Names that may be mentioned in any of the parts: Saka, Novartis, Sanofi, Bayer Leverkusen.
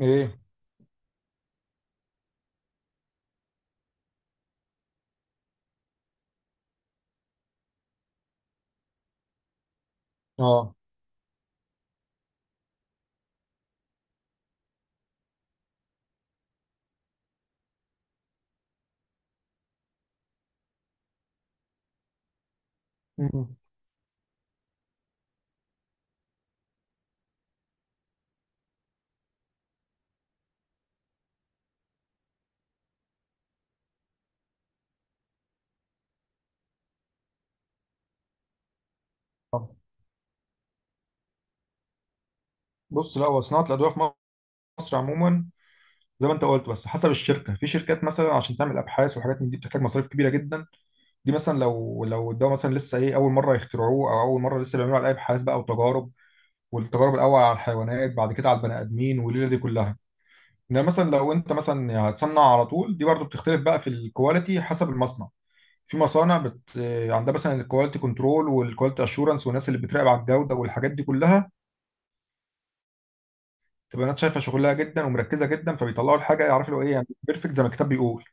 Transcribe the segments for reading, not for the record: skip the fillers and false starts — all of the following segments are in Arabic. ايه. اه. مم. آه. بص، لا هو صناعه الادويه في مصر عموما زي ما انت قلت، بس حسب الشركه. في شركات مثلا عشان تعمل ابحاث وحاجات من دي بتحتاج مصاريف كبيره جدا. دي مثلا لو ده مثلا لسه ايه اول مره يخترعوه، او اول مره لسه بيعملوا عليه ابحاث بقى وتجارب، والتجارب الاول على الحيوانات بعد كده على البني ادمين والليله دي كلها. انما مثلا لو انت مثلا يعني هتصنع على طول، دي برضو بتختلف بقى في الكواليتي حسب المصنع. في مصانع عندها مثلا الكواليتي كنترول والكواليتي اشورنس والناس اللي بتراقب على الجوده والحاجات دي كلها، تبقى الناس شايفه شغلها جدا ومركزه جدا، فبيطلعوا الحاجه يعرفوا اللي هو ايه، يعني بيرفكت زي ما الكتاب بيقول.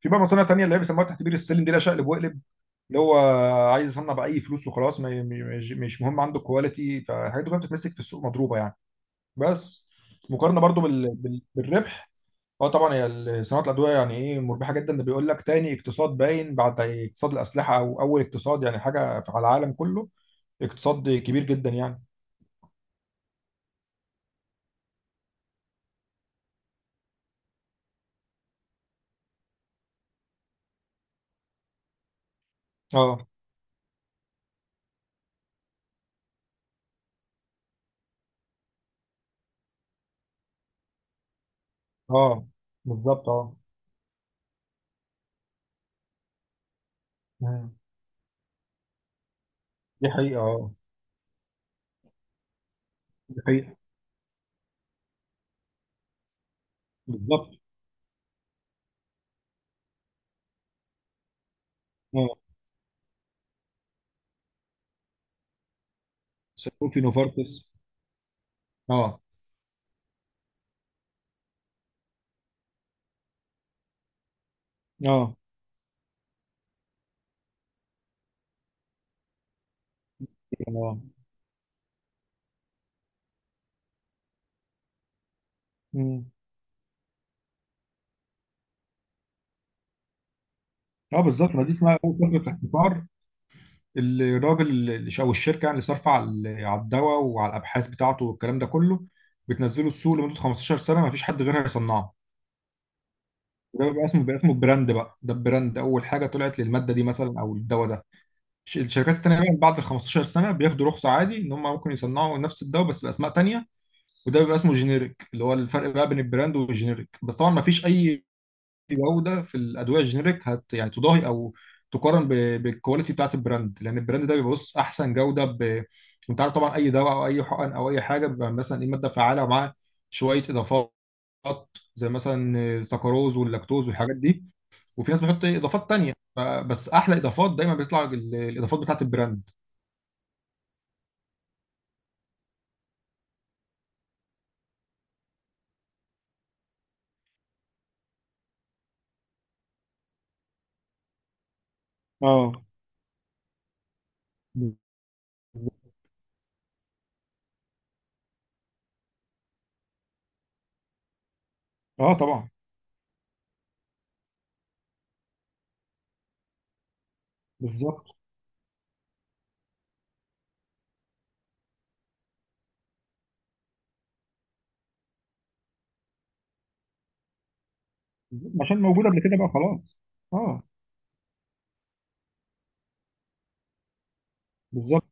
في بقى مصانع تانية اللي هي بيسموها تحت بير السلم، دي لا شقلب وقلب، اللي هو عايز يصنع باي فلوس وخلاص. مش مهم عنده كواليتي، فالحاجات دي كلها بتتمسك في السوق مضروبه يعني. بس مقارنه برضو بالربح، اه طبعا هي صناعه الادويه يعني ايه مربحه جدا. ده بيقول لك تاني اقتصاد باين بعد اقتصاد الاسلحه، او اول اقتصاد يعني حاجه على العالم كله، اقتصاد كبير جدا يعني. اه. اه. بالظبط اه. مم. دي حقيقه اه. دي حقيقة. بالظبط اه. سنوفي نوفارتس. اه. اه. اه. مم. اه بالظبط، ما دي اسمها اول فتره احتكار. الراجل اللي، او الشركه يعني، اللي صارفه على على الدواء وعلى الابحاث بتاعته والكلام ده كله، بتنزله السوق لمده 15 سنه ما فيش حد غيرها يصنعه. وده بيبقى اسمه براند بقى. ده البراند اول حاجه طلعت للماده دي مثلا، او الدواء ده. الشركات التانيه بقى بعد ال 15 سنه بياخدوا رخصه عادي ان هم ممكن يصنعوا نفس الدواء بس باسماء تانيه، وده بيبقى اسمه جينيريك. اللي هو الفرق بقى بين البراند والجينيريك، بس طبعا ما فيش اي جوده في الادويه الجينيريك هت يعني تضاهي او تقارن بالكواليتي بتاعت البراند، لان البراند ده بيبص احسن جوده. ب... انت عارف طبعا اي دواء او اي حقن او اي حاجه بيبقى مثلا ايه ماده فعاله ومعاه شويه اضافات، زي مثلا سكروز واللاكتوز والحاجات دي. وفي ناس بتحط إيه اضافات تانية، بس احلى اضافات دايما بيطلع الاضافات بتاعت البراند. اه. اه طبعا. بالظبط، عشان موجوده قبل كده بقى خلاص. اه. بالظبط.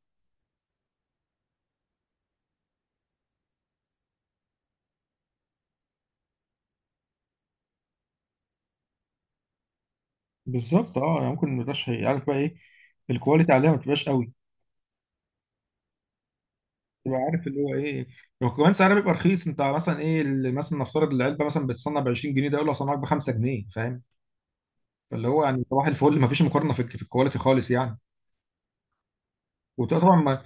بالظبط اه، يعني ممكن ما يبقاش عارف بقى ايه الكواليتي عليها، ما تبقاش قوي، تبقى عارف اللي هو ايه. وكمان سعرها بيبقى رخيص. انت مثلا ايه اللي مثلا نفترض العلبه مثلا بتصنع ب 20 جنيه، ده يقول لك صنعك ب 5 جنيه، فاهم؟ فاللي هو يعني صباح الفل، ما فيش مقارنه في الكواليتي خالص يعني. وبتبقى طبعا ما-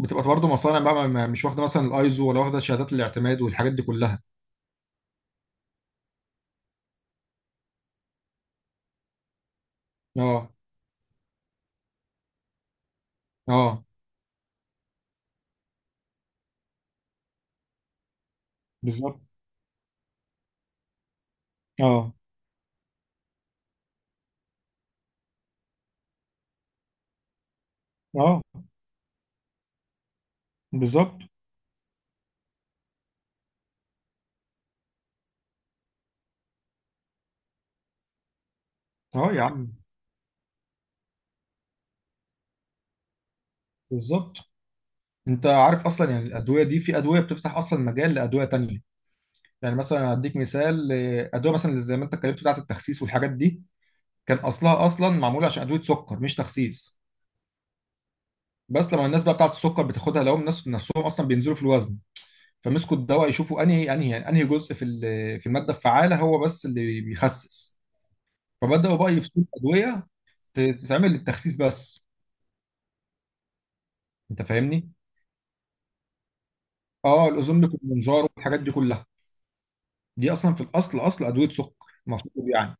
بتبقى برضه مصانع بقى مش واخده مثلا الايزو ولا واخده شهادات الاعتماد والحاجات دي كلها. اه. اه بالظبط اه. اه بالظبط اه يا عم. بالظبط. انت عارف اصلا يعني الادويه دي، في ادويه بتفتح اصلا مجال لادويه تانيه. يعني مثلا هديك مثال، ادويه مثلا زي ما انت اتكلمت بتاعه التخسيس والحاجات دي، كان اصلها اصلا معموله عشان ادويه سكر، مش تخسيس. بس لما الناس بقى بتاعه السكر بتاخدها، لقوا الناس نفسهم اصلا بينزلوا في الوزن. فمسكوا الدواء يشوفوا انهي جزء في في الماده الفعاله هو بس اللي بيخسس. فبداوا بقى يفتوا ادويه تتعمل للتخسيس بس. انت فاهمني. اه الاوزون بيكون منجار والحاجات دي كلها، دي اصلا في الاصل اصل ادويه سكر المفروض يعني.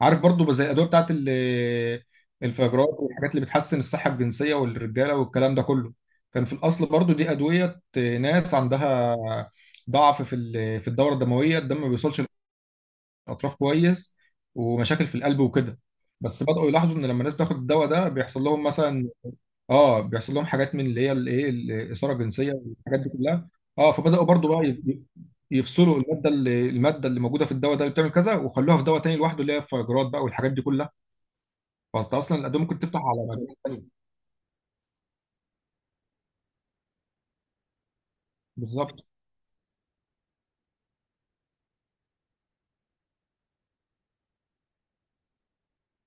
عارف برضو زي الادويه بتاعت الفيجرات والحاجات اللي بتحسن الصحه الجنسيه والرجاله والكلام ده كله. كان في الاصل برضو دي ادويه ناس عندها ضعف في في الدوره الدمويه، الدم ما بيوصلش للاطراف كويس، ومشاكل في القلب وكده. بس بداوا يلاحظوا ان لما الناس بتاخد الدواء ده بيحصل لهم مثلا، اه بيحصل لهم حاجات من اللي هي الايه، الاثاره الجنسيه والحاجات دي كلها. اه فبداوا برضو بقى ي- يفصلوا الماده اللي موجوده في الدواء ده اللي بتعمل كذا، وخلوها في دواء تاني لوحده، اللي هي الفيجرات بقى والحاجات دي كلها. فانت اصلا الادويه ممكن تفتح على مكان تاني. بالظبط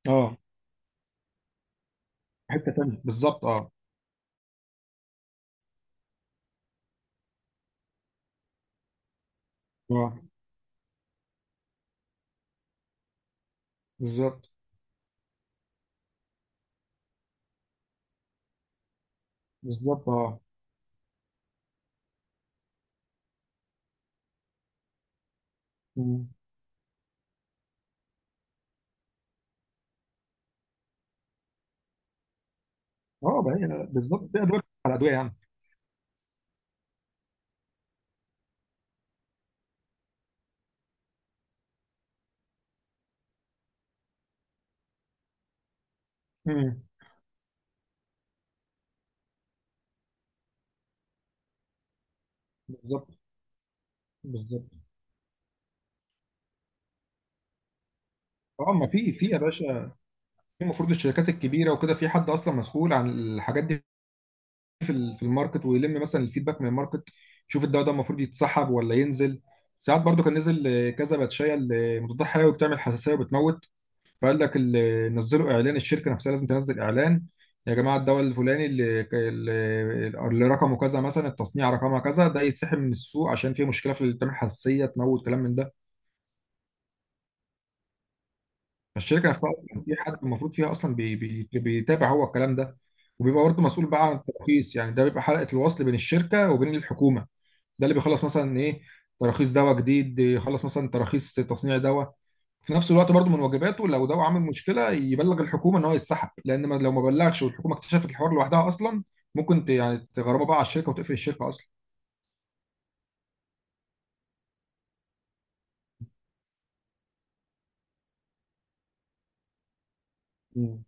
اه. حته تانيه بالظبط اه. اه. بالظبط. بالظبط اه. مم. اه بقى، هي بالظبط في ادويه على ادويه يعني. مم. بالظبط. بالظبط اه. ما في في يا باشا، في المفروض الشركات الكبيره وكده، في حد اصلا مسؤول عن الحاجات دي في في الماركت، ويلم مثلا الفيدباك من الماركت، يشوف الدواء ده المفروض يتسحب ولا ينزل. ساعات برضو كان نزل كذا باتشايه مضادات حيوي بتعمل حساسيه وبتموت، فقال لك اللي نزلوا اعلان، الشركه نفسها لازم تنزل اعلان: يا جماعه الدواء الفلاني اللي رقمه كذا مثلا التصنيع رقمها كذا، ده يتسحب من السوق عشان فيه مشكله في التلاميح، حساسيه، تموت، كلام من ده. فالشركه نفسها اصلا في حد المفروض فيها اصلا بي بيتابع هو الكلام ده. وبيبقى برضه مسؤول بقى عن الترخيص، يعني ده بيبقى حلقه الوصل بين الشركه وبين الحكومه. ده اللي بيخلص مثلا ايه، تراخيص دواء جديد، يخلص مثلا تراخيص تصنيع دواء. في نفس الوقت برضو من واجباته، لو ده عامل مشكله، يبلغ الحكومه ان هو يتسحب. لان ما لو ما بلغش والحكومه اكتشفت الحوار لوحدها اصلا، ممكن يعني تغرمه بقى على الشركه وتقفل الشركه اصلا. مم.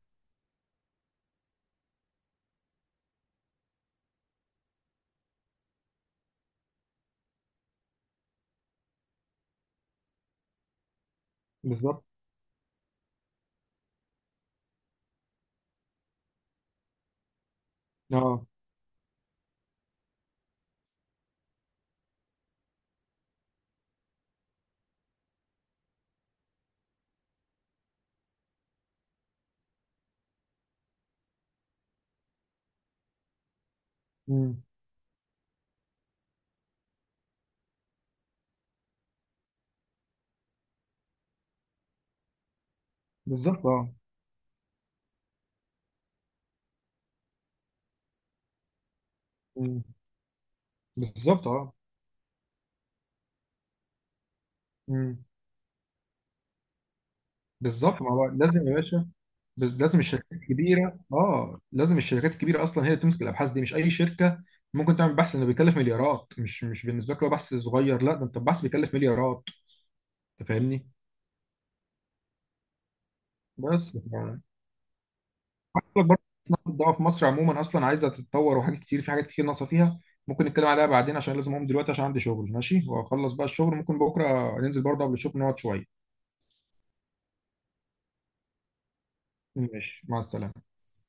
بالظبط اه. مم. بالظبط اه. مم. بالظبط اه. مم. بالظبط، ما هو لازم يا باشا. لازم الشركات الكبيره اه، لازم الشركات الكبيره اصلا هي اللي تمسك الابحاث دي، مش اي شركه ممكن تعمل بحث انه بيكلف مليارات. مش بالنسبه لك هو بحث صغير، لا ده انت البحث بيكلف مليارات. انت فاهمني. بس يعني، وعايز أقول لك برضه إن الضوء في مصر عموما اصلا عايزه تتطور، وحاجات كتير، في حاجات كتير ناقصه فيها. ممكن نتكلم عليها بعدين عشان لازم اقوم دلوقتي عشان عندي شغل. ماشي، واخلص بقى الشغل ممكن بكره ننزل برضه قبل الشغل نقعد شويه. ماشي مع السلامه.